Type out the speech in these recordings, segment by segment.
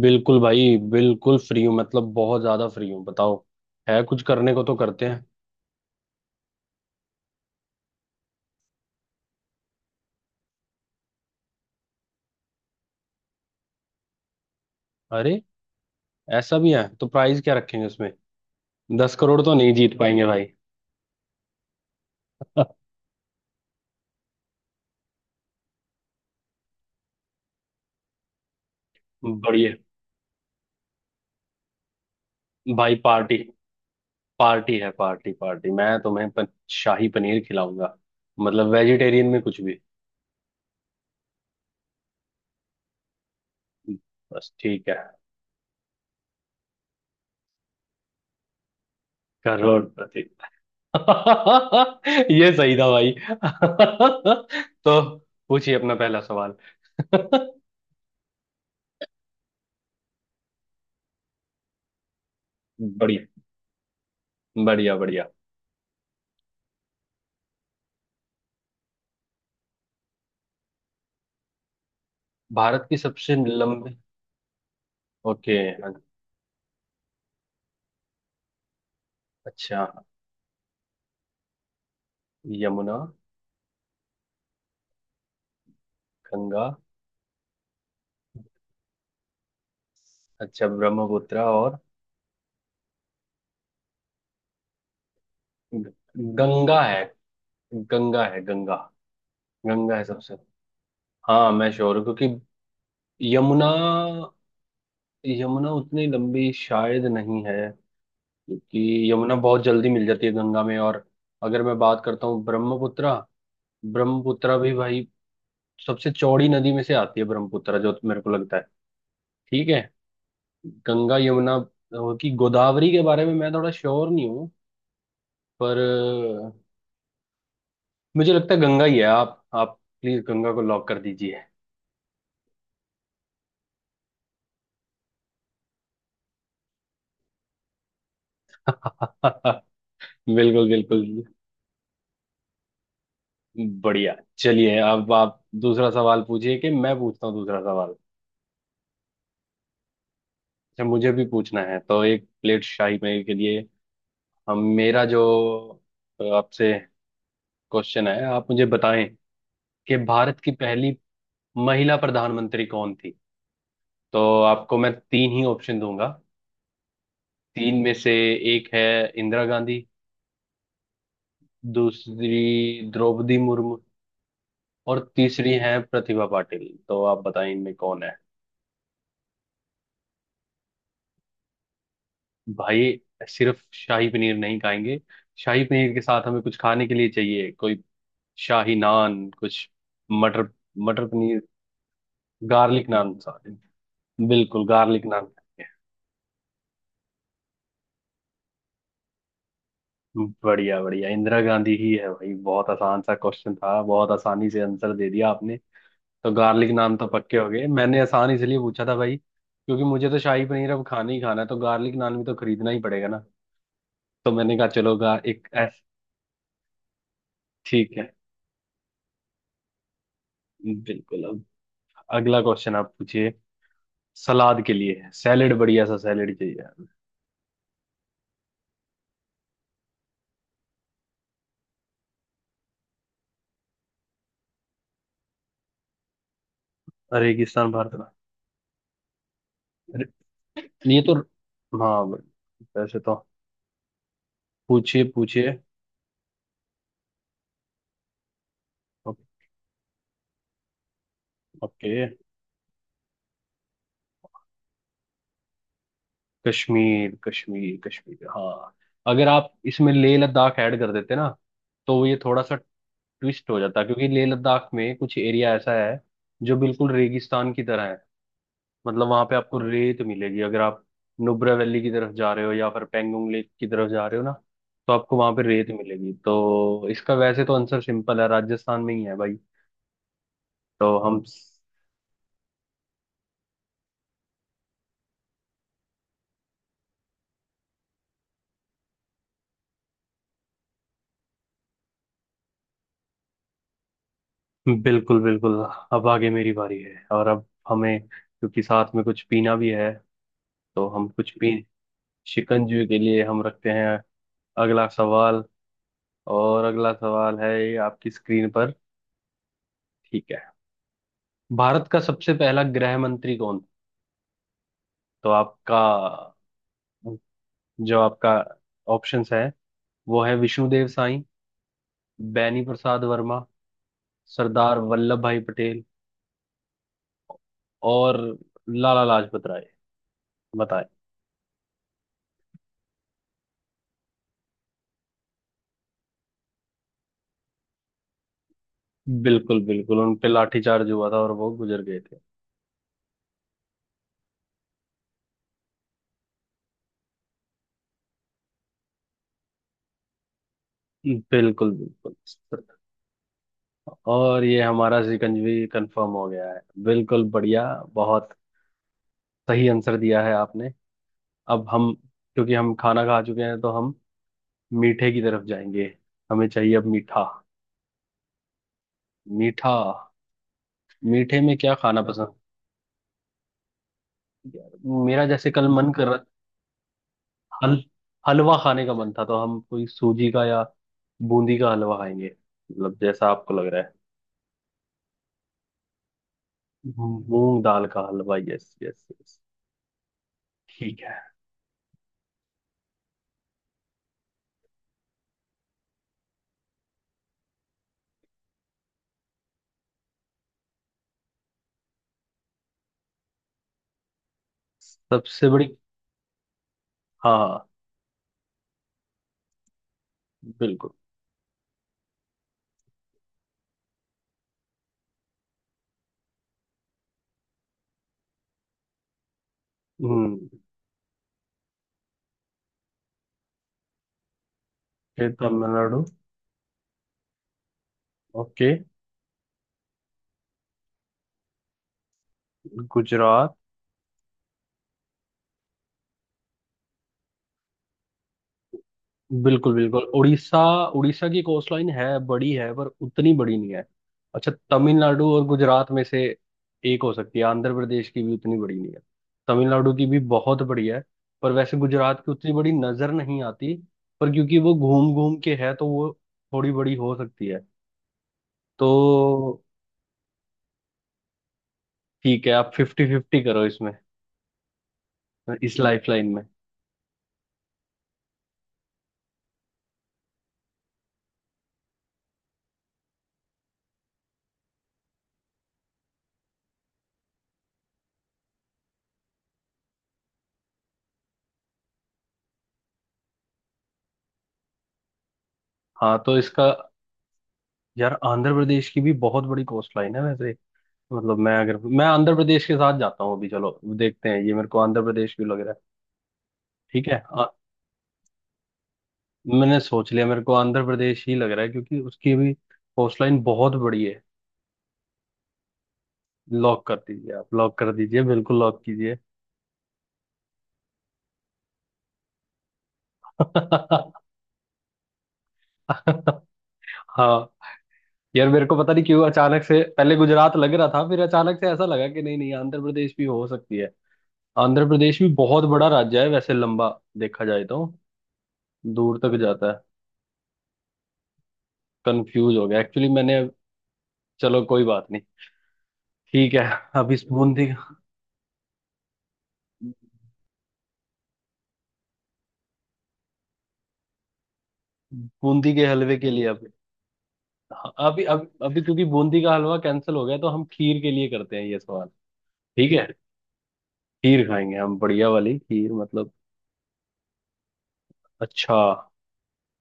बिल्कुल भाई बिल्कुल फ्री हूँ। मतलब बहुत ज्यादा फ्री हूँ, बताओ है कुछ करने को तो करते हैं। अरे, ऐसा भी है तो प्राइस क्या रखेंगे उसमें? 10 करोड़ तो नहीं जीत पाएंगे भाई। बढ़िया। भाई पार्टी। पार्टी है, पार्टी पार्टी। मैं तुम्हें शाही पनीर खिलाऊंगा, मतलब वेजिटेरियन में कुछ भी। बस ठीक है। करोड़पति। ये सही था भाई। तो पूछिए अपना पहला सवाल। बढ़िया, बढ़िया, बढ़िया। भारत की सबसे लंबी। ओके। अच्छा। यमुना। गंगा। अच्छा ब्रह्मपुत्र। और ग- गंगा है, गंगा है गंगा, गंगा है सबसे। हाँ, मैं श्योर हूँ क्योंकि यमुना, यमुना उतनी लंबी शायद नहीं है, क्योंकि यमुना बहुत जल्दी मिल जाती है गंगा में। और अगर मैं बात करता हूँ ब्रह्मपुत्र, ब्रह्मपुत्र भी भाई सबसे चौड़ी नदी में से आती है ब्रह्मपुत्र, जो मेरे को लगता है। ठीक है। गंगा, यमुना की, गोदावरी के बारे में मैं थोड़ा श्योर नहीं हूँ। पर अ, मुझे लगता है गंगा ही है। आप प्लीज गंगा को लॉक कर दीजिए। बिल्कुल, बिल्कुल। बढ़िया, चलिए अब आप दूसरा सवाल पूछिए कि मैं पूछता हूँ दूसरा सवाल। अच्छा, मुझे भी पूछना है तो एक प्लेट शाही पनीर के लिए। हम, मेरा जो आपसे क्वेश्चन है, आप मुझे बताएं कि भारत की पहली महिला प्रधानमंत्री कौन थी। तो आपको मैं तीन ही ऑप्शन दूंगा। तीन में से एक है इंदिरा गांधी, दूसरी द्रौपदी मुर्मू, और तीसरी है प्रतिभा पाटिल। तो आप बताएं इनमें कौन है। भाई सिर्फ शाही पनीर नहीं खाएंगे, शाही पनीर के साथ हमें कुछ खाने के लिए चाहिए कोई, शाही नान कुछ, मटर, मटर पनीर, गार्लिक नान सॉरी, बिल्कुल गार्लिक नान खाएंगे। बढ़िया, बढ़िया, इंदिरा गांधी ही है भाई। बहुत आसान सा क्वेश्चन था, बहुत आसानी से आंसर दे दिया आपने। तो गार्लिक नान तो पक्के हो गए, मैंने आसान इसलिए पूछा था भाई, क्योंकि मुझे तो शाही पनीर अब खाना ही खाना है, तो गार्लिक नान भी तो खरीदना ही पड़ेगा ना। तो मैंने कहा चलो गा एक ऐस ठीक है, बिल्कुल। अब अगला क्वेश्चन आप पूछिए। सलाद के लिए है, सैलेड, बढ़िया सा सैलेड चाहिए। रेगिस्तान भारत में। अरे, ये तो, हाँ, वैसे तो पूछिए, पूछिए। ओ- ओके। कश्मीर, कश्मीर, कश्मीर, हाँ। अगर आप इसमें लेह लद्दाख ऐड कर देते ना, तो ये थोड़ा सा ट्विस्ट हो जाता है, क्योंकि लेह लद्दाख में कुछ एरिया ऐसा है जो बिल्कुल रेगिस्तान की तरह है। मतलब वहां पे आपको रेत मिलेगी, अगर आप नुब्रा वैली की तरफ जा रहे हो या फिर पेंगोंग लेक की तरफ जा रहे हो ना, तो आपको वहां पे रेत मिलेगी। तो इसका वैसे तो आंसर सिंपल है, राजस्थान में ही है भाई। तो हम, बिल्कुल बिल्कुल। अब आगे मेरी बारी है और अब हमें क्योंकि साथ में कुछ पीना भी है, तो हम कुछ पी, शिकंजी के लिए हम रखते हैं अगला सवाल। और अगला सवाल है ये आपकी स्क्रीन पर, ठीक है, भारत का सबसे पहला गृह मंत्री कौन था? तो आपका, जो आपका ऑप्शंस है, वो है विष्णुदेव साई, बैनी प्रसाद वर्मा, सरदार वल्लभ भाई पटेल, और लाला लाजपत राय। बताए। बिल्कुल बिल्कुल, उन पे लाठीचार्ज हुआ था और वो गुजर गए थे। बिल्कुल बिल्कुल। और ये हमारा सिकंजवी कंफर्म हो गया है, बिल्कुल बढ़िया। बहुत सही आंसर दिया है आपने। अब हम, क्योंकि हम खाना खा चुके हैं तो हम मीठे की तरफ जाएंगे। हमें चाहिए अब मीठा। मीठा, मीठे में क्या खाना पसंद? यार, मेरा जैसे कल मन कर रहा, हल हलवा खाने का मन था, तो हम कोई सूजी का या बूंदी का हलवा खाएंगे, मतलब जैसा आपको लग रहा है। मूंग दाल का हलवा, यस यस यस। ठीक है। सबसे बड़ी। हाँ, हाँ, बिल्कुल। हम्म। फिर तमिलनाडु। ओके। गुजरात। बिल्कुल बिल्कुल, उड़ीसा, उड़ीसा की कोस्ट लाइन है बड़ी, है पर उतनी बड़ी नहीं है। अच्छा, तमिलनाडु और गुजरात में से एक हो सकती है। आंध्र प्रदेश की भी उतनी बड़ी नहीं है, तमिलनाडु की भी बहुत बड़ी है। पर वैसे गुजरात की उतनी बड़ी नजर नहीं आती। पर क्योंकि वो घूम घूम के है, तो वो थोड़ी बड़ी हो सकती है। तो ठीक है, आप 50-50 करो इसमें, इस लाइफ लाइन में। हाँ तो इसका, यार आंध्र प्रदेश की भी बहुत बड़ी कोस्ट लाइन है वैसे, मतलब मैं, अगर मैं आंध्र प्रदेश के साथ जाता हूँ अभी। चलो देखते हैं, ये मेरे को आंध्र प्रदेश क्यों लग रहा है। ठीक है मैंने सोच लिया, मेरे को आंध्र प्रदेश ही लग रहा है, क्योंकि उसकी भी कोस्ट लाइन बहुत बड़ी है। लॉक कर दीजिए, आप लॉक कर दीजिए, बिल्कुल लॉक कीजिए। हाँ, यार मेरे को पता नहीं क्यों, अचानक से पहले गुजरात लग रहा था, फिर अचानक से ऐसा लगा कि नहीं नहीं आंध्र प्रदेश भी हो सकती है। आंध्र प्रदेश भी बहुत बड़ा राज्य है वैसे, लंबा देखा जाए तो दूर तक जाता है। कंफ्यूज हो गया एक्चुअली मैंने। चलो कोई बात नहीं, ठीक है। अब इस बूंदी, बूंदी के हलवे के लिए अब, हाँ, अभी, अब अभी क्योंकि बूंदी का हलवा कैंसिल हो गया, तो हम खीर के लिए करते हैं ये सवाल। ठीक है, खीर खाएंगे हम बढ़िया वाली खीर, मतलब। अच्छा,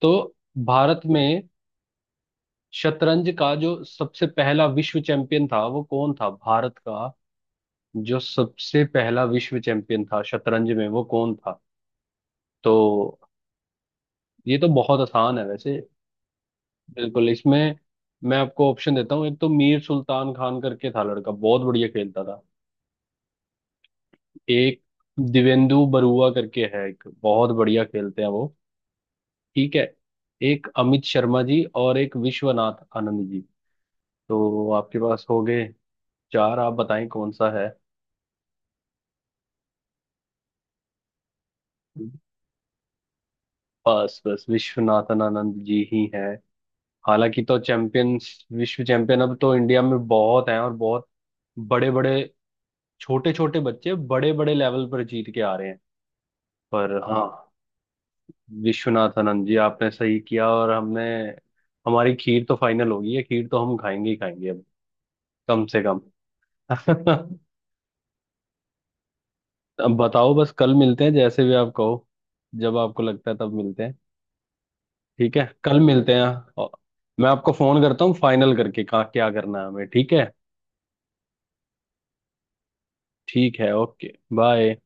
तो भारत में शतरंज का जो सबसे पहला विश्व चैंपियन था, वो कौन था भारत का? जो सबसे पहला विश्व चैंपियन था शतरंज में, वो कौन था? तो ये तो बहुत आसान है वैसे, बिल्कुल इसमें मैं आपको ऑप्शन देता हूँ। एक तो मीर सुल्तान खान करके था, लड़का बहुत बढ़िया खेलता था। एक दिवेंदु बरुआ करके है एक, बहुत बढ़िया खेलते हैं वो, ठीक है। एक अमित शर्मा जी, और एक विश्वनाथ आनंद जी। तो आपके पास हो गए चार, आप बताएं कौन सा है। बस बस, विश्वनाथन आनंद जी ही हैं। हालांकि तो चैंपियंस, विश्व चैंपियन अब तो इंडिया में बहुत हैं, और बहुत बड़े बड़े, छोटे छोटे बच्चे बड़े बड़े लेवल पर जीत के आ रहे हैं। पर हाँ, विश्वनाथन जी, आपने सही किया और हमने, हमारी खीर तो फाइनल होगी, है खीर तो हम खाएंगे ही खाएंगे अब, कम से कम। अब बताओ, बस कल मिलते हैं, जैसे भी आप कहो, जब आपको लगता है तब मिलते हैं। ठीक है, कल मिलते हैं। और मैं आपको फोन करता हूँ फाइनल करके, कहाँ क्या करना है हमें, ठीक है। ठीक है, ओके, बाय।